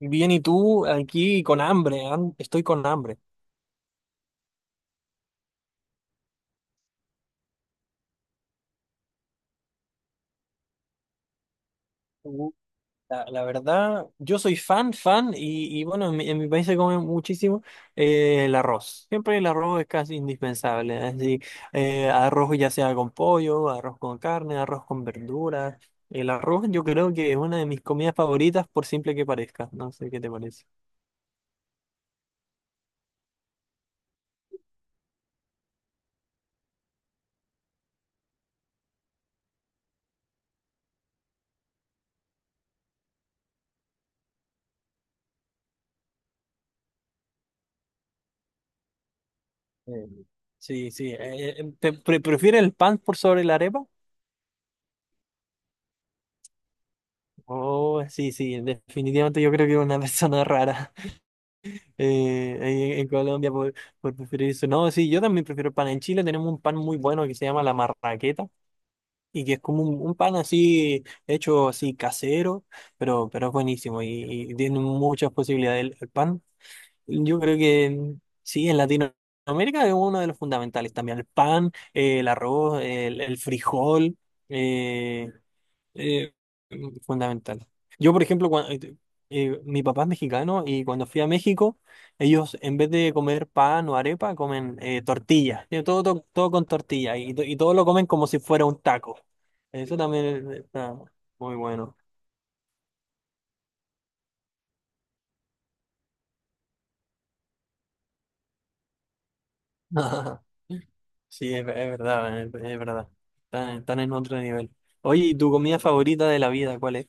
Bien, ¿y tú aquí con hambre? Estoy con hambre. Uh, la verdad, yo soy fan, y bueno, en mi país se come muchísimo el arroz. Siempre el arroz es casi indispensable. Así, arroz ya sea con pollo, arroz con carne, arroz con verduras. El arroz yo creo que es una de mis comidas favoritas, por simple que parezca. No sé qué te parece. eh, Sí, sí. ¿ prefieres el pan por sobre la arepa? Oh, sí, sí, definitivamente yo creo que es una persona rara. Ahí en Colombia por preferir eso. No, sí, yo también prefiero el pan. En Chile tenemos un pan muy bueno que se llama la marraqueta y que es como un pan así hecho así casero, pero es buenísimo y tiene muchas posibilidades el pan. Yo creo que sí, en Latinoamérica es uno de los fundamentales también. El pan, el arroz, el frijol. eh, eh, fundamental. Yo, por ejemplo, mi papá es mexicano y cuando fui a México, ellos en vez de comer pan o arepa, comen tortilla. Todo, todo con tortilla y, y todo lo comen como si fuera un taco. Eso también está muy bueno. Sí, es verdad, es verdad. Están, están en otro nivel. Oye, ¿y tu comida favorita de la vida cuál es?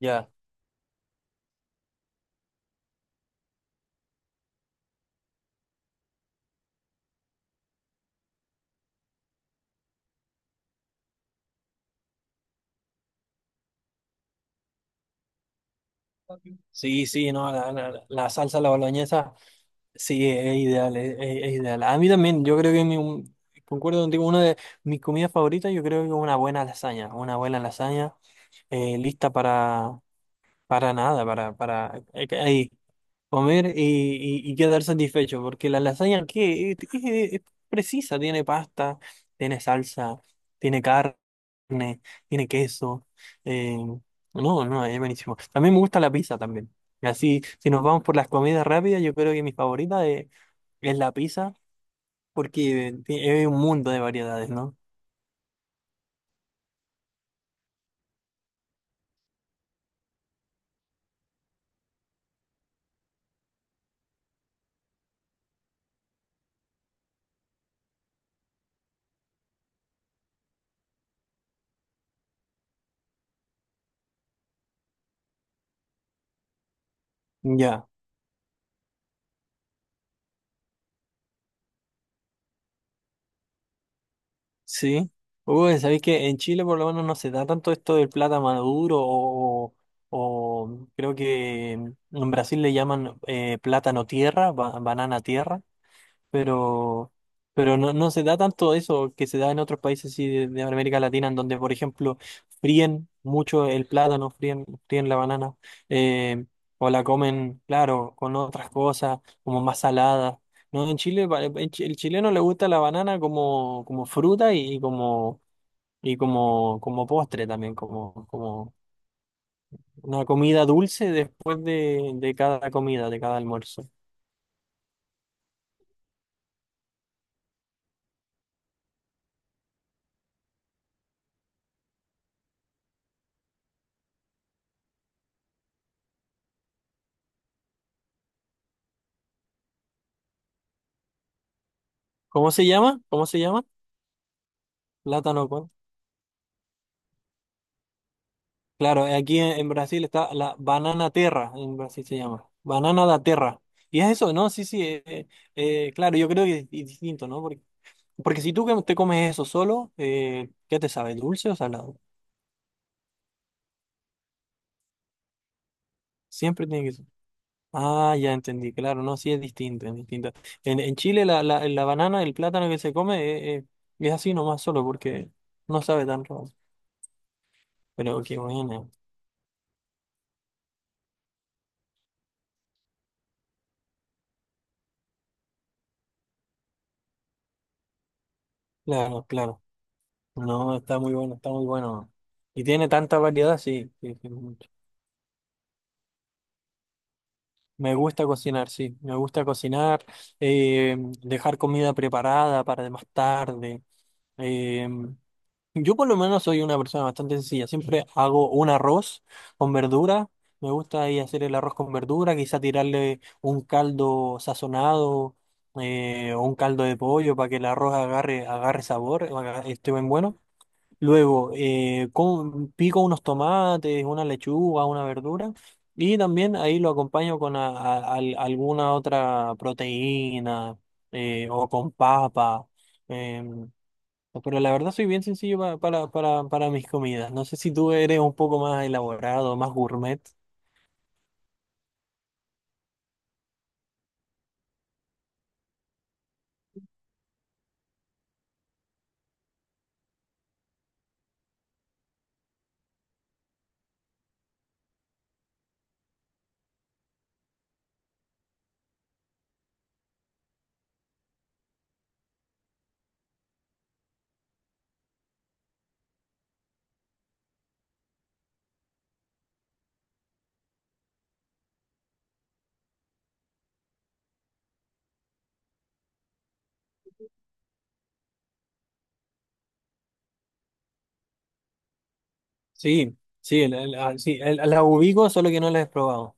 Ya. Sí, sí, no, la salsa, la boloñesa. Sí, es ideal, es ideal. A mí también, yo creo que concuerdo contigo, una de mis comidas favoritas, yo creo que es una buena lasaña lista para nada, para, para ahí, comer y, y quedar satisfecho, porque la lasaña que es, es precisa, tiene pasta, tiene salsa, tiene carne, tiene queso. eh, no, no, es buenísimo. También me gusta la pizza también. Así, si nos vamos por las comidas rápidas, yo creo que mi favorita es la pizza, porque hay un mundo de variedades, ¿no? Ya, sí. Uy, sabéis que en Chile por lo menos no se da tanto esto del plátano maduro o creo que en Brasil le llaman plátano tierra, banana tierra. pero, pero no, no se da tanto eso que se da en otros países así de América Latina, en donde, por ejemplo, fríen mucho el plátano, fríen la banana, eh, o la comen, claro, con otras cosas, como más salada. No, en Chile, el chileno le gusta la banana como, como fruta y como, como postre también, como, como una comida dulce después de cada comida, de cada almuerzo. ¿Cómo se llama? ¿Cómo se llama? Plátano con claro, aquí en Brasil está la banana terra, en Brasil se llama, banana da terra. Y es eso, ¿no? Sí, sí, claro, yo creo que es, distinto, ¿no? Porque, porque si tú te comes eso solo, ¿qué te sabe? ¿Dulce o salado? Siempre tiene que ser. Ah, ya entendí, claro, no, sí es distinto, es distinto. En Chile la banana, el plátano que se come es así nomás solo porque no sabe tan raro. Pero qué bueno, claro, claro. No, está muy bueno, está muy bueno. Y tiene tanta variedad, sí. sí, sí. Me gusta cocinar, sí, me gusta cocinar, eh, dejar comida preparada para más tarde. Eh, yo por lo menos soy una persona bastante sencilla, siempre hago un arroz con verdura, me gusta ahí hacer el arroz con verdura, quizá tirarle un caldo sazonado o un caldo de pollo para que el arroz agarre sabor, esté bien bueno. Luego, pico unos tomates, una lechuga, una verdura y también ahí lo acompaño con alguna otra proteína o con papa. em, pero la verdad soy bien sencillo para mis comidas. No sé si tú eres un poco más elaborado, más gourmet. Sí, sí, sí, la ubico, solo que no la he probado.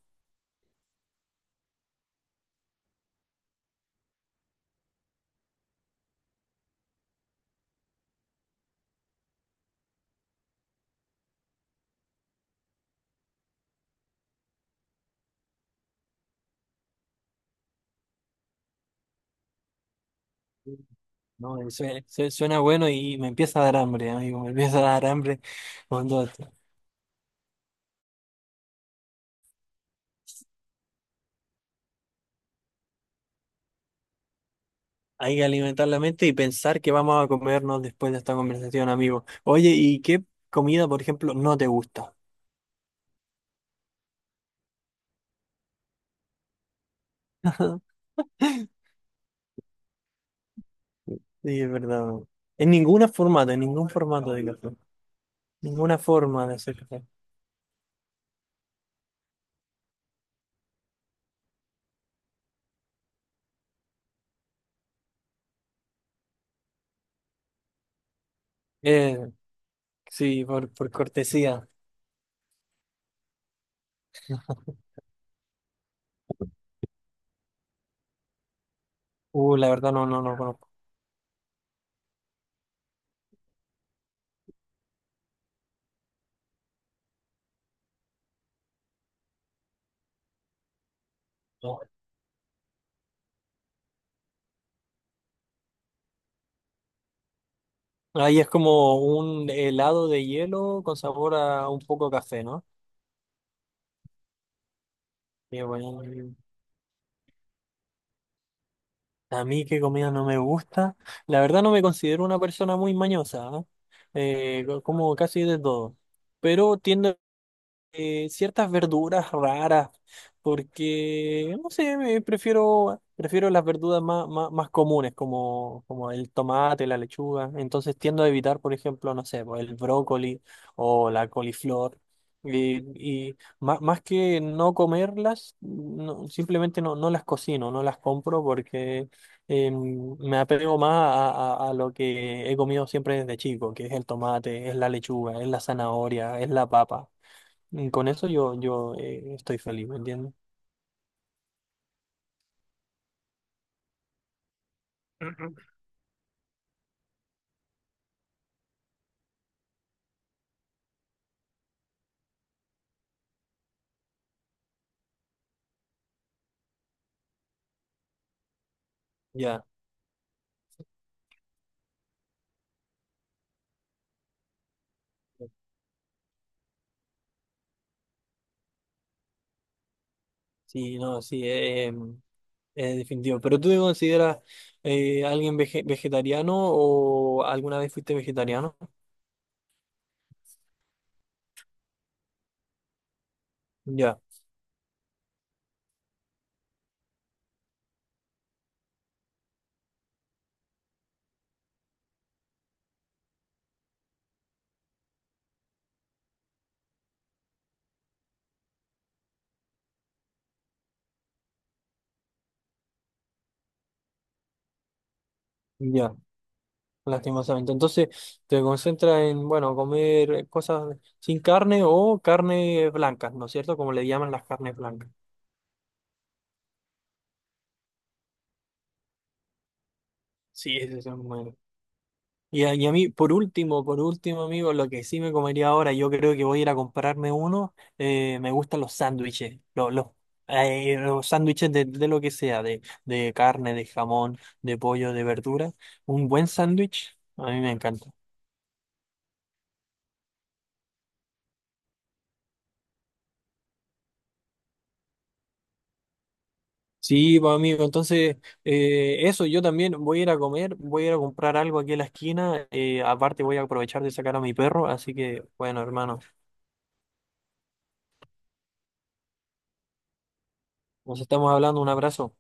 No, suena bueno y me empieza a dar hambre, amigo, me empieza a dar hambre. Hay que alimentar la mente y pensar que vamos a comernos después de esta conversación, amigo. Oye, ¿y qué comida, por ejemplo, no te gusta? Sí, es verdad. En ninguna formato, en ningún formato de café. Ninguna forma de hacer café. Eh, sí, por cortesía. La verdad no, no, no conozco. No. Ahí es como un helado de hielo con sabor a un poco a café, ¿no? Qué bueno. A mí qué comida no me gusta. La verdad no me considero una persona muy mañosa, ¿ah? Como casi de todo. Pero tiendo ciertas verduras raras, porque, no sé, prefiero las verduras más, más, más comunes, como, como el tomate, la lechuga. Entonces tiendo a evitar, por ejemplo, no sé, pues, el brócoli o la coliflor. Y, y más, más que no comerlas, no- simplemente no, no las cocino, no las compro porque me apego más a, a lo que he comido siempre desde chico, que es el tomate, es la lechuga, es la zanahoria, es la papa. Y con eso yo, yo estoy feliz, ¿me entiendes? Ujú. Ya, sí, no, sí, es definitivo. ¿Pero tú te consideras alguien vegetariano o alguna vez fuiste vegetariano? Ya, ya, lastimosamente. Entonces, te concentras en, bueno, comer cosas sin carne o carne blancas, ¿no es cierto? Como le llaman las carnes blancas. Sí, ese es el y a, y a mí, por último, amigo, lo que sí me comería ahora, yo creo que voy a ir a comprarme uno. Me gustan los sándwiches, los sándwiches de lo que sea, de carne, de jamón, de pollo, de verdura. Un buen sándwich, a mí me encanta. Sí, pues, amigo, entonces, eso, yo también voy a ir a comer, voy a ir a comprar algo aquí en la esquina. Aparte, voy a aprovechar de sacar a mi perro, así que, bueno, hermano, nos estamos hablando, un abrazo.